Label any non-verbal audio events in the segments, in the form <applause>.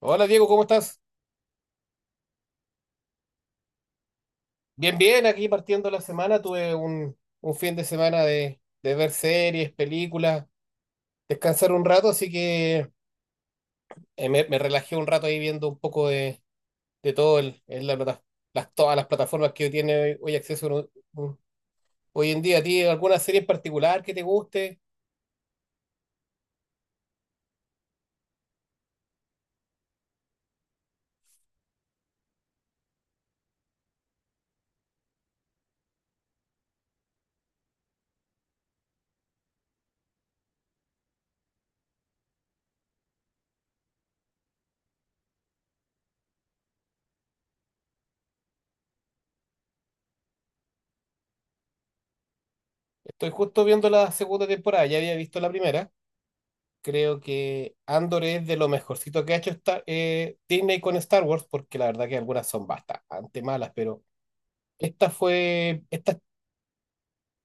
Hola Diego, ¿cómo estás? Bien, bien, aquí partiendo la semana, un fin de semana de ver series, películas, descansar un rato, así que me relajé un rato ahí viendo un poco de todo en la todas las plataformas que tiene hoy acceso hoy en día. ¿A ti alguna serie en particular que te guste? Estoy justo viendo la segunda temporada, ya había visto la primera. Creo que Andor es de lo mejorcito que ha hecho Disney con Star Wars, porque la verdad que algunas son bastante malas, pero... Esta fue, esta,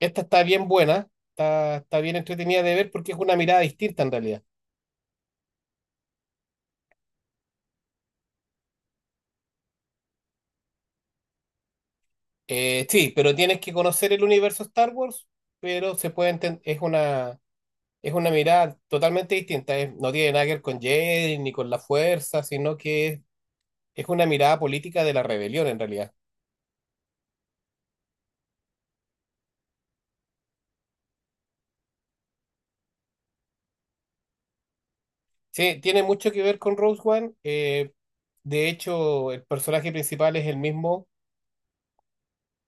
esta está bien buena, está bien entretenida de ver porque es una mirada distinta en realidad. Sí, pero tienes que conocer el universo Star Wars, pero se puede enten- es una mirada totalmente distinta. No tiene nada que ver con Jedi ni con la fuerza, es una mirada política de la rebelión en realidad. Sí, tiene mucho que ver con Rose One. De hecho, el personaje principal es el mismo.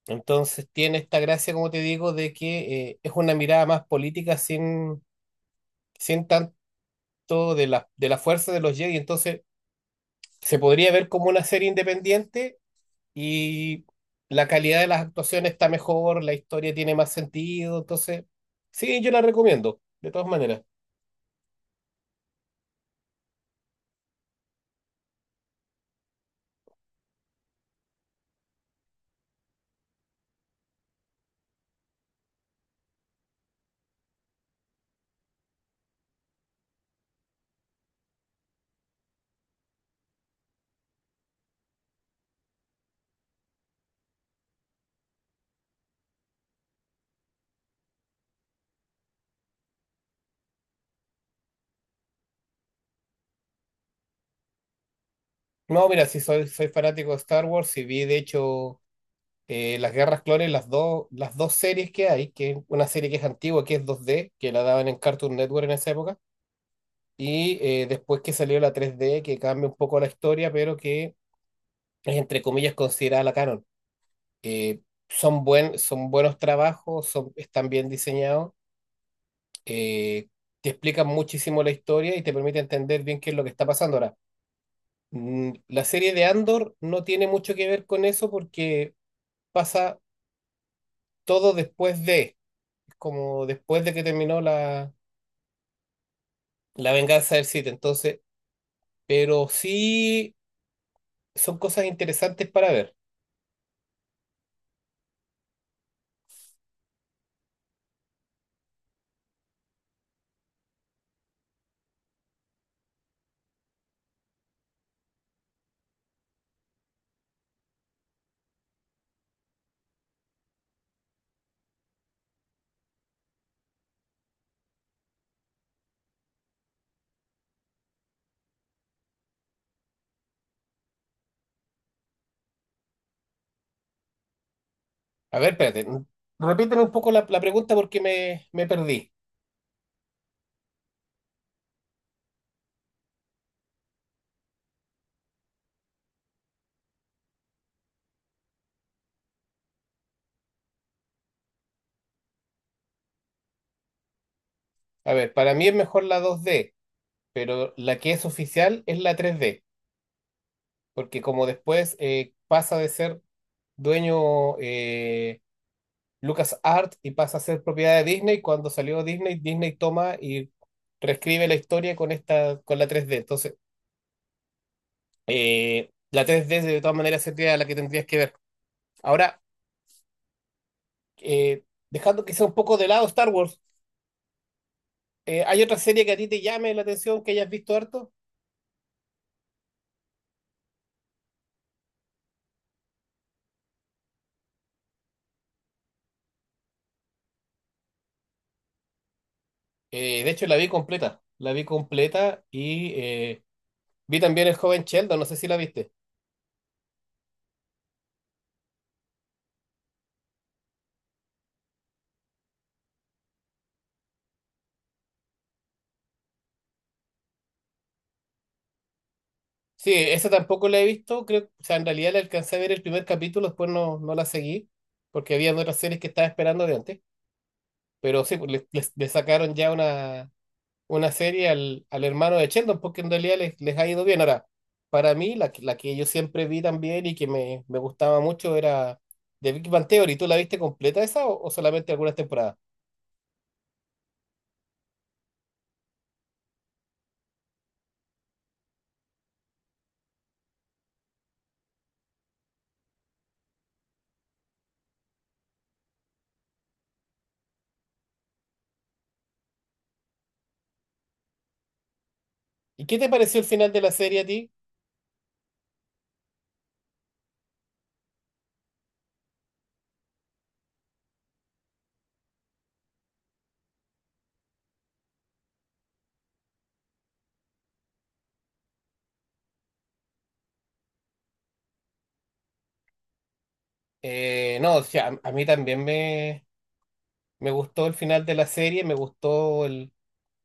Entonces tiene esta gracia, como te digo, de que es una mirada más política sin tanto de la fuerza de los Jedi. Entonces se podría ver como una serie independiente y la calidad de las actuaciones está mejor, la historia tiene más sentido. Entonces, sí, yo la recomiendo, de todas maneras. No, mira, soy fanático de Star Wars y vi de hecho las Guerras Clones, las dos series que hay, que es una serie que es antigua, que es 2D que la daban en Cartoon Network en esa época. Y después que salió la 3D, que cambia un poco la historia, pero que es entre comillas considerada la canon. Eh, Son, son buenos trabajos, son, están bien diseñados, eh, te explican muchísimo la historia y te permite entender bien qué es lo que está pasando ahora. La serie de Andor no tiene mucho que ver con eso porque pasa todo como después de que terminó la venganza del Sith, entonces, pero sí son cosas interesantes para ver. A ver, espérate. Repíteme un poco la pregunta porque me perdí. A ver, para mí es mejor la 2D, pero la que es oficial es la 3D, porque como después pasa de ser dueño LucasArts y pasa a ser propiedad de Disney, cuando salió Disney, Disney toma y reescribe la historia con esta, con la 3D. Entonces, la 3D de todas maneras sería la que tendrías que ver. Ahora, eh, dejando que sea un poco de lado Star Wars, ¿hay otra serie que a ti te llame la atención que hayas visto harto? De hecho, la vi completa. La vi completa y vi también El joven Sheldon, no sé si la viste. Sí, esa tampoco la he visto, creo, o sea, en realidad la alcancé a ver el primer capítulo, después no, no la seguí, porque había otras series que estaba esperando de antes. Pero sí, pues, le sacaron ya una serie al hermano de Sheldon, porque en realidad les ha ido bien. Ahora, para mí, la que yo siempre vi también y que me gustaba mucho era The Big Bang Theory. ¿Tú la viste completa esa o solamente algunas temporadas? ¿Y qué te pareció el final de la serie a ti? No, o sea, a mí también me gustó el final de la serie, me gustó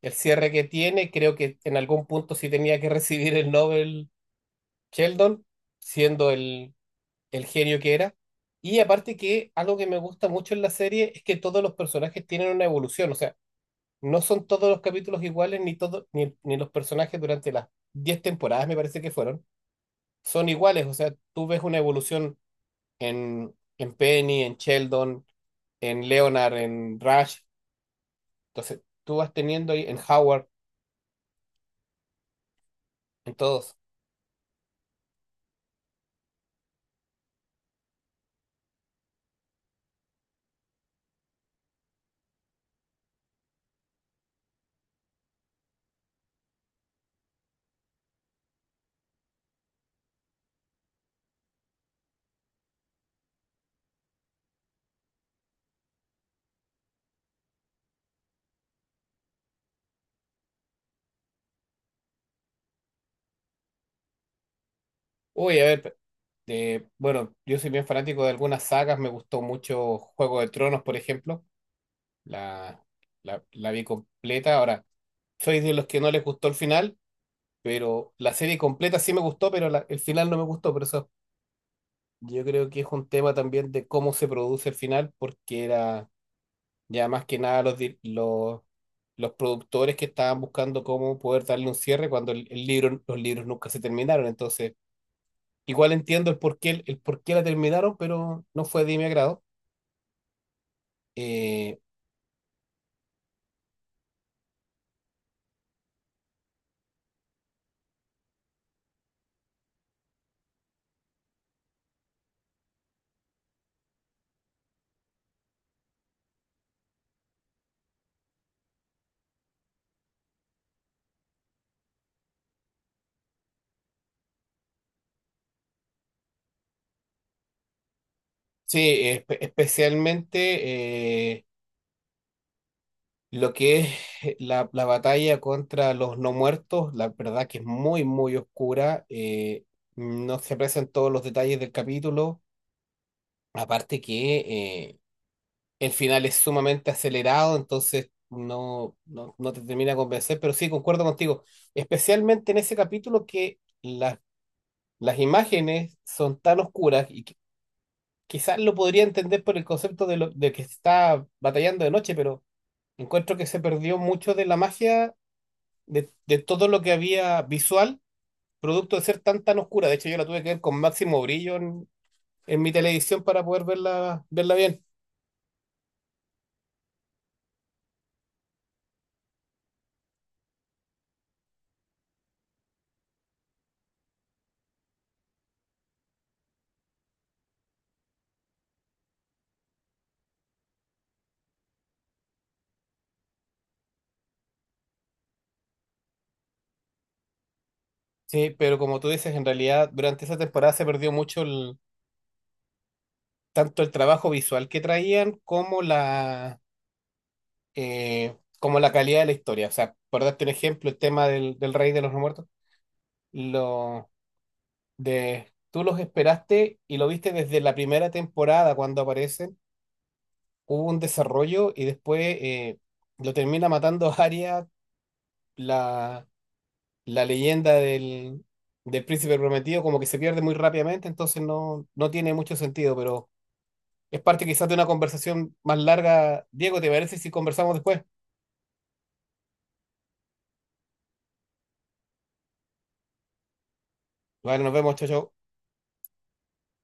el cierre que tiene. Creo que en algún punto sí tenía que <laughs> recibir el Nobel Sheldon, siendo el genio que era. Y aparte que algo que me gusta mucho en la serie es que todos los personajes tienen una evolución, o sea, no son todos los capítulos iguales, ni todos, ni, ni los personajes durante las 10 temporadas, me parece que fueron, son iguales, o sea, tú ves una evolución en Penny, en Sheldon, en Leonard, en Rush, entonces tú vas teniendo ahí en Howard, en todos. Uy, a ver, bueno, yo soy bien fanático de algunas sagas, me gustó mucho Juego de Tronos, por ejemplo. La, la vi completa. Ahora, soy de los que no les gustó el final, pero la serie completa sí me gustó, pero el final no me gustó. Por eso yo creo que es un tema también de cómo se produce el final, porque era ya más que nada los productores que estaban buscando cómo poder darle un cierre cuando el libro, los libros nunca se terminaron. Entonces, igual entiendo el por qué la terminaron, pero no fue de mi agrado. Eh, sí, especialmente. Lo que es la, la batalla contra los no muertos, la verdad que es muy, muy oscura. No se aprecian todos los detalles del capítulo. Aparte que el final es sumamente acelerado, entonces no, no, no te termina de convencer, pero sí, concuerdo contigo. Especialmente en ese capítulo que las imágenes son tan oscuras y quizás lo podría entender por el concepto de que está batallando de noche, pero encuentro que se perdió mucho de la magia de todo lo que había visual, producto de ser tan tan oscura. De hecho, yo la tuve que ver con máximo brillo en mi televisión para poder verla, verla bien. Sí, pero como tú dices, en realidad durante esa temporada se perdió mucho tanto el trabajo visual que traían como como la calidad de la historia. O sea, por darte un ejemplo, el tema del Rey de los No Muertos, lo tú los esperaste y lo viste desde la primera temporada cuando aparecen hubo un desarrollo y después lo termina matando <laughs> a Arya, la, la leyenda del príncipe prometido, como que se pierde muy rápidamente, entonces no, no tiene mucho sentido, pero es parte quizás de una conversación más larga. Diego, ¿te parece si conversamos después? Bueno, nos vemos, chao, chao.